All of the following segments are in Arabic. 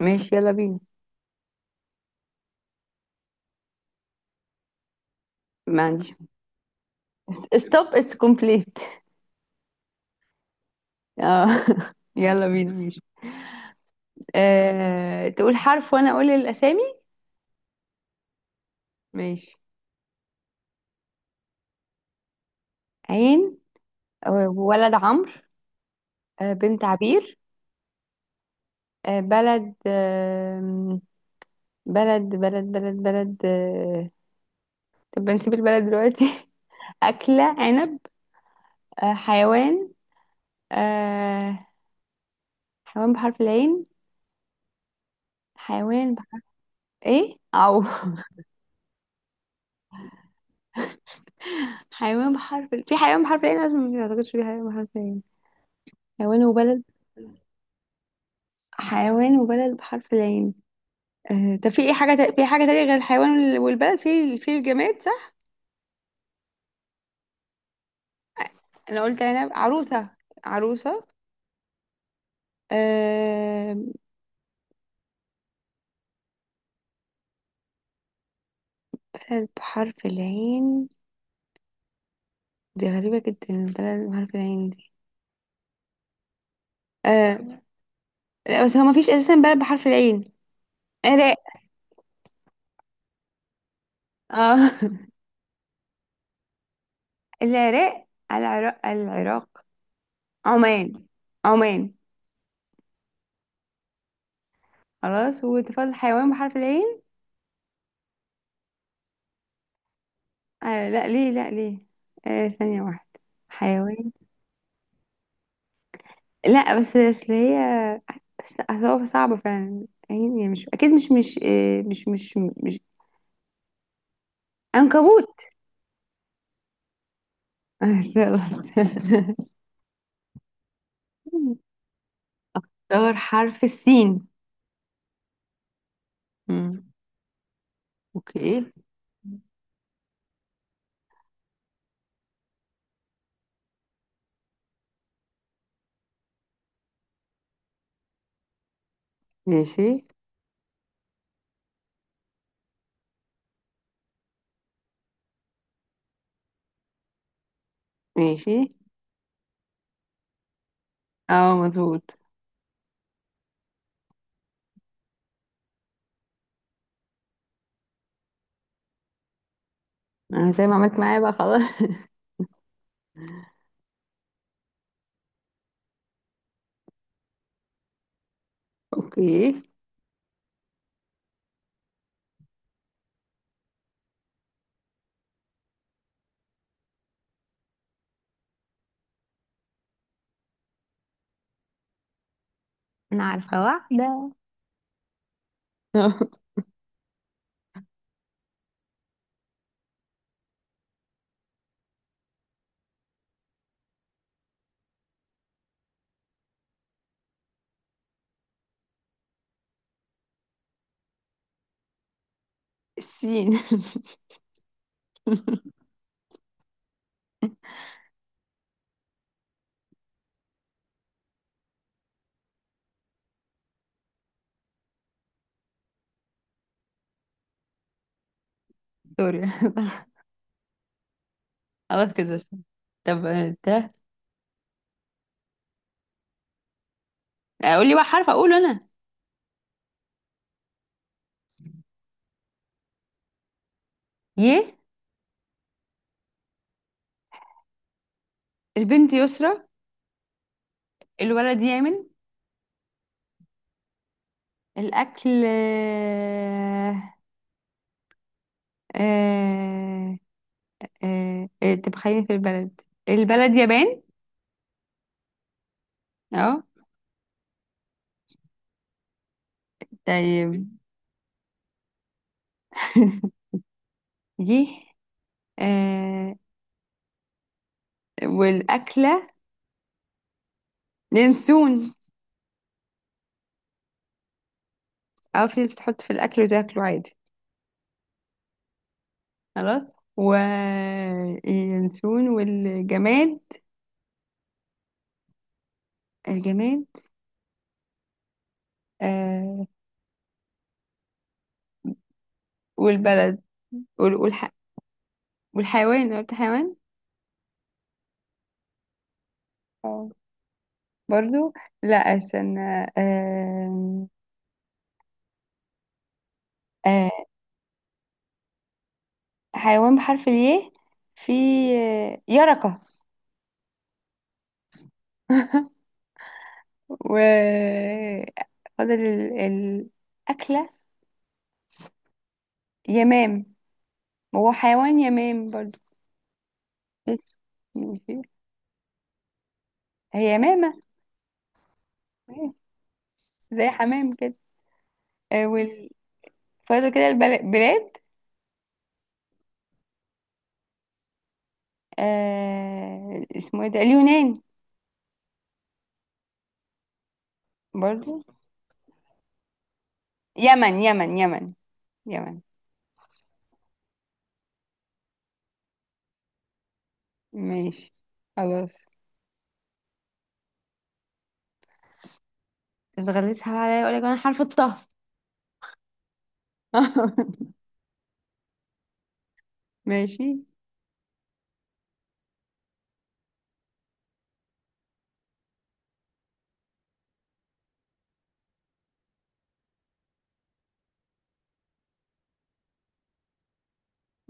ماشي يلا بينا. ما عنديش. ستوب اتس كومبليت اه. يلا بينا ماشي. تقول حرف وانا اقول الاسامي. ماشي. عين. ولد عمرو. بنت عبير. بلد. بلد. طب نسيب البلد دلوقتي. أكلة عنب. حيوان. آه، حيوان بحرف العين. حيوان بحرف. ايه او حيوان بحرف في حيوان بحرف العين لازم، ما اعتقدش في حيوان بحرف العين. حيوان وبلد. حيوان وبلد بحرف العين. طب في ايه حاجة في حاجة تانية غير الحيوان والبلد في الجماد، صح؟ انا قلت انا عروسة. عروسة. أه. بلد بحرف العين. دي غريبة جدا البلد بحرف العين دي. أه. لا، بس هو مفيش اساسا بلد بحرف العين. عراق. اه. العراق، العراق، العراق. عمان، عمان. خلاص وتفضل حيوان بحرف العين. أه، لا ليه، لا ليه. أه، ثانية واحدة. حيوان. لا بس اصل هي. بس أصل هو صعبة فعلا، يعني مش اكيد، مش مش آه، مش مش مش عنكبوت. دور حرف السين. مم. اوكي. ماشي، ماشي. اه، مظبوط. انا زي ما عملت معايا بقى خلاص. اوكي. انا عارفة واحدة. السين. سوري. خلاص كده. طب. ده اقول لي بقى حرف اقوله انا. ي. البنت يسرى. الولد يامن. الأكل. آه، طب خلينا في البلد. البلد يابان. اه. طيب. يه. آه، والأكلة. ينسون. اه، في ناس تحط في الأكل وتاكله عادي. خلاص وينسون والجماد. الجماد آه، والبلد. وال- والح... والحيوان، قلت حيوان. اه، برضو. لا، استنى. آه... آه، حيوان بحرف الياء. في. يركة. و فاضل الأكلة. يمام. هو حيوان يمام برضو. بس، يعني. هي يمامة. أيوة. زي حمام كده. آه، وال- فاضل كده البلاد. اسمه ايه ده؟ اليونان. برضو. يمن، يمن، يمن. يمن. ماشي، خلاص. بتغلسها بقى عليا، اقول لك انا حرف الطه. ماشي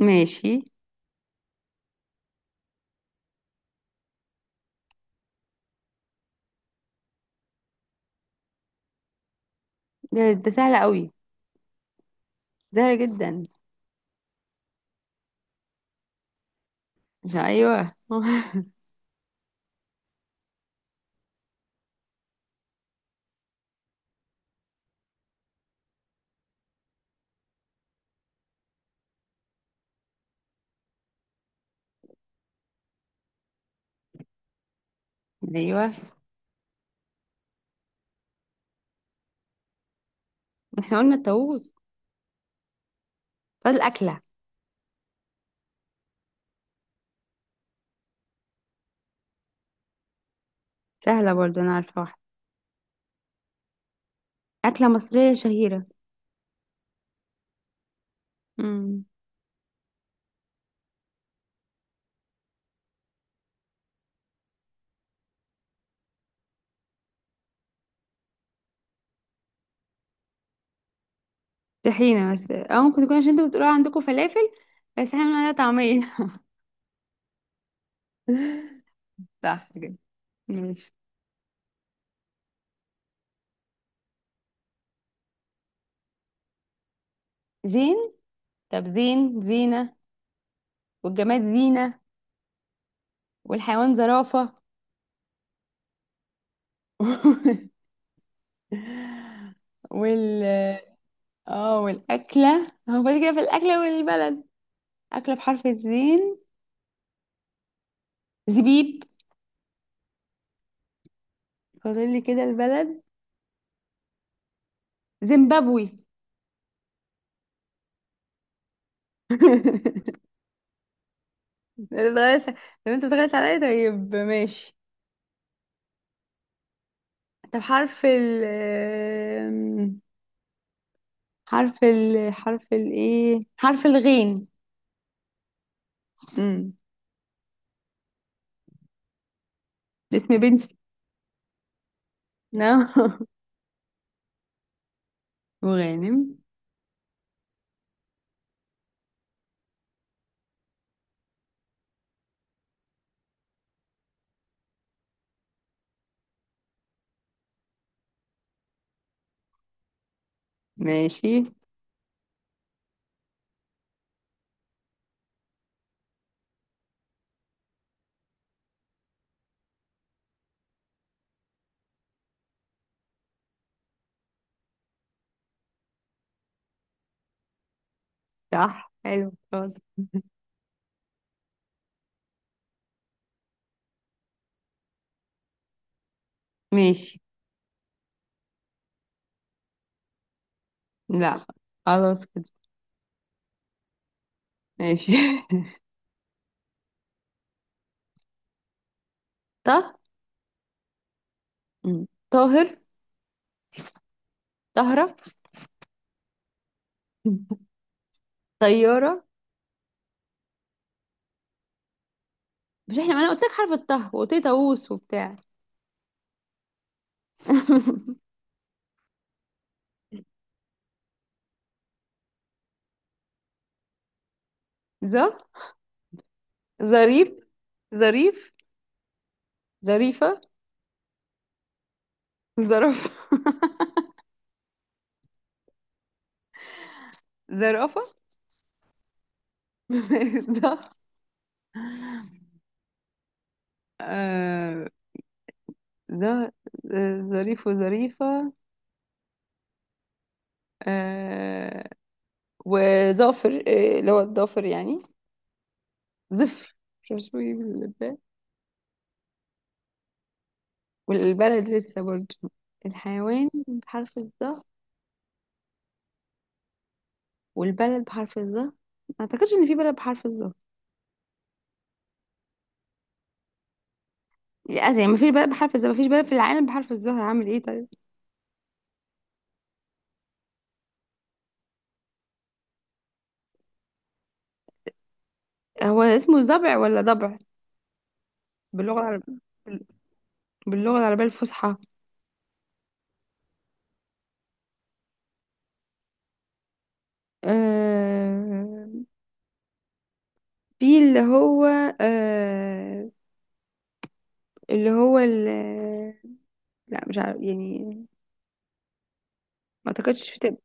ماشي. ده سهل قوي. زهقة جدا. مش، ايوه ايوه. احنا قلنا الطاووس. فاضل اكله. سهله برضو، انا عارفه واحده. اكله مصريه شهيره. امم طحينه، بس او ممكن تكون عشان انتوا بتقولوا عندكم فلافل. بس احنا بنقول عليها طعميه. صح كده. ماشي. زين. طب زين، زينه. والجماد زينه. والحيوان زرافه. وال اه، والاكله هو فاضل كده، في الاكله والبلد. اكله بحرف الزين. زبيب. فاضل لي كده البلد. زيمبابوي. بتغير طب. انت بتغير عليا، طيب ماشي. طب حرف ال. حرف ال حرف ال ايه حرف الغين. امم اسم بنتي. نعم. وغانم. ماشي. صح، حلو، شاطر. ماشي. لا، خلاص كده. ماشي. طه. مم. طاهر. طهرة. طيارة. مش احنا، ما انا قلت لك حرف الطه، وقلت لي طاووس وبتاع. ظ. ظريف، ظريف. ظريفة. ظرف. زرافة. ده آه ده آه، ظريف وظريفة. آه وظافر، اللي هو الظافر يعني. زفر. مش عارفة اسمه ايه بالبلد. والبلد لسه برضه. الحيوان بحرف الظا. والبلد بحرف الظا، ما اعتقدش ان في بلد بحرف الظا. لا يعني، ما فيش بلد بحرف الظا، ما فيش بلد في العالم بحرف الظا، هعمل ايه طيب. هو اسمه ضبع ولا ضبع؟ باللغة العربية. باللغة العربية الفصحى. آه... في اللي هو. آه... اللي هو. لا، مش عارف يعني. ما اعتقدش في.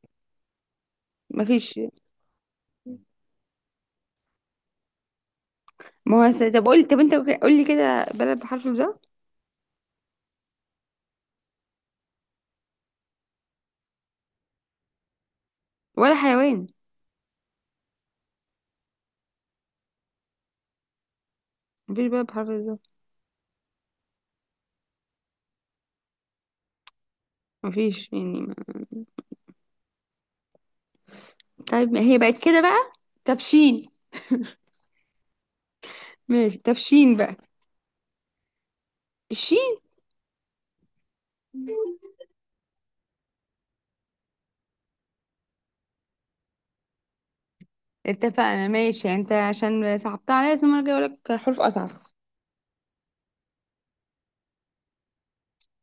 ما فيش. ما هو طب قول، طب انت قول لي كده بلد بحرف الظا. ولا حيوان. ما فيش بلد بحرف الظا. ما فيش يعني ما... طيب ما هي بقت كده بقى. تبشين. ماشي تبشين بقى. الشين. اتفقنا ماشي، انت عشان صعبتها عليا، بس المرة الجاية اقول لك حروف اصعب.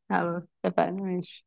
خلاص اتفقنا ماشي.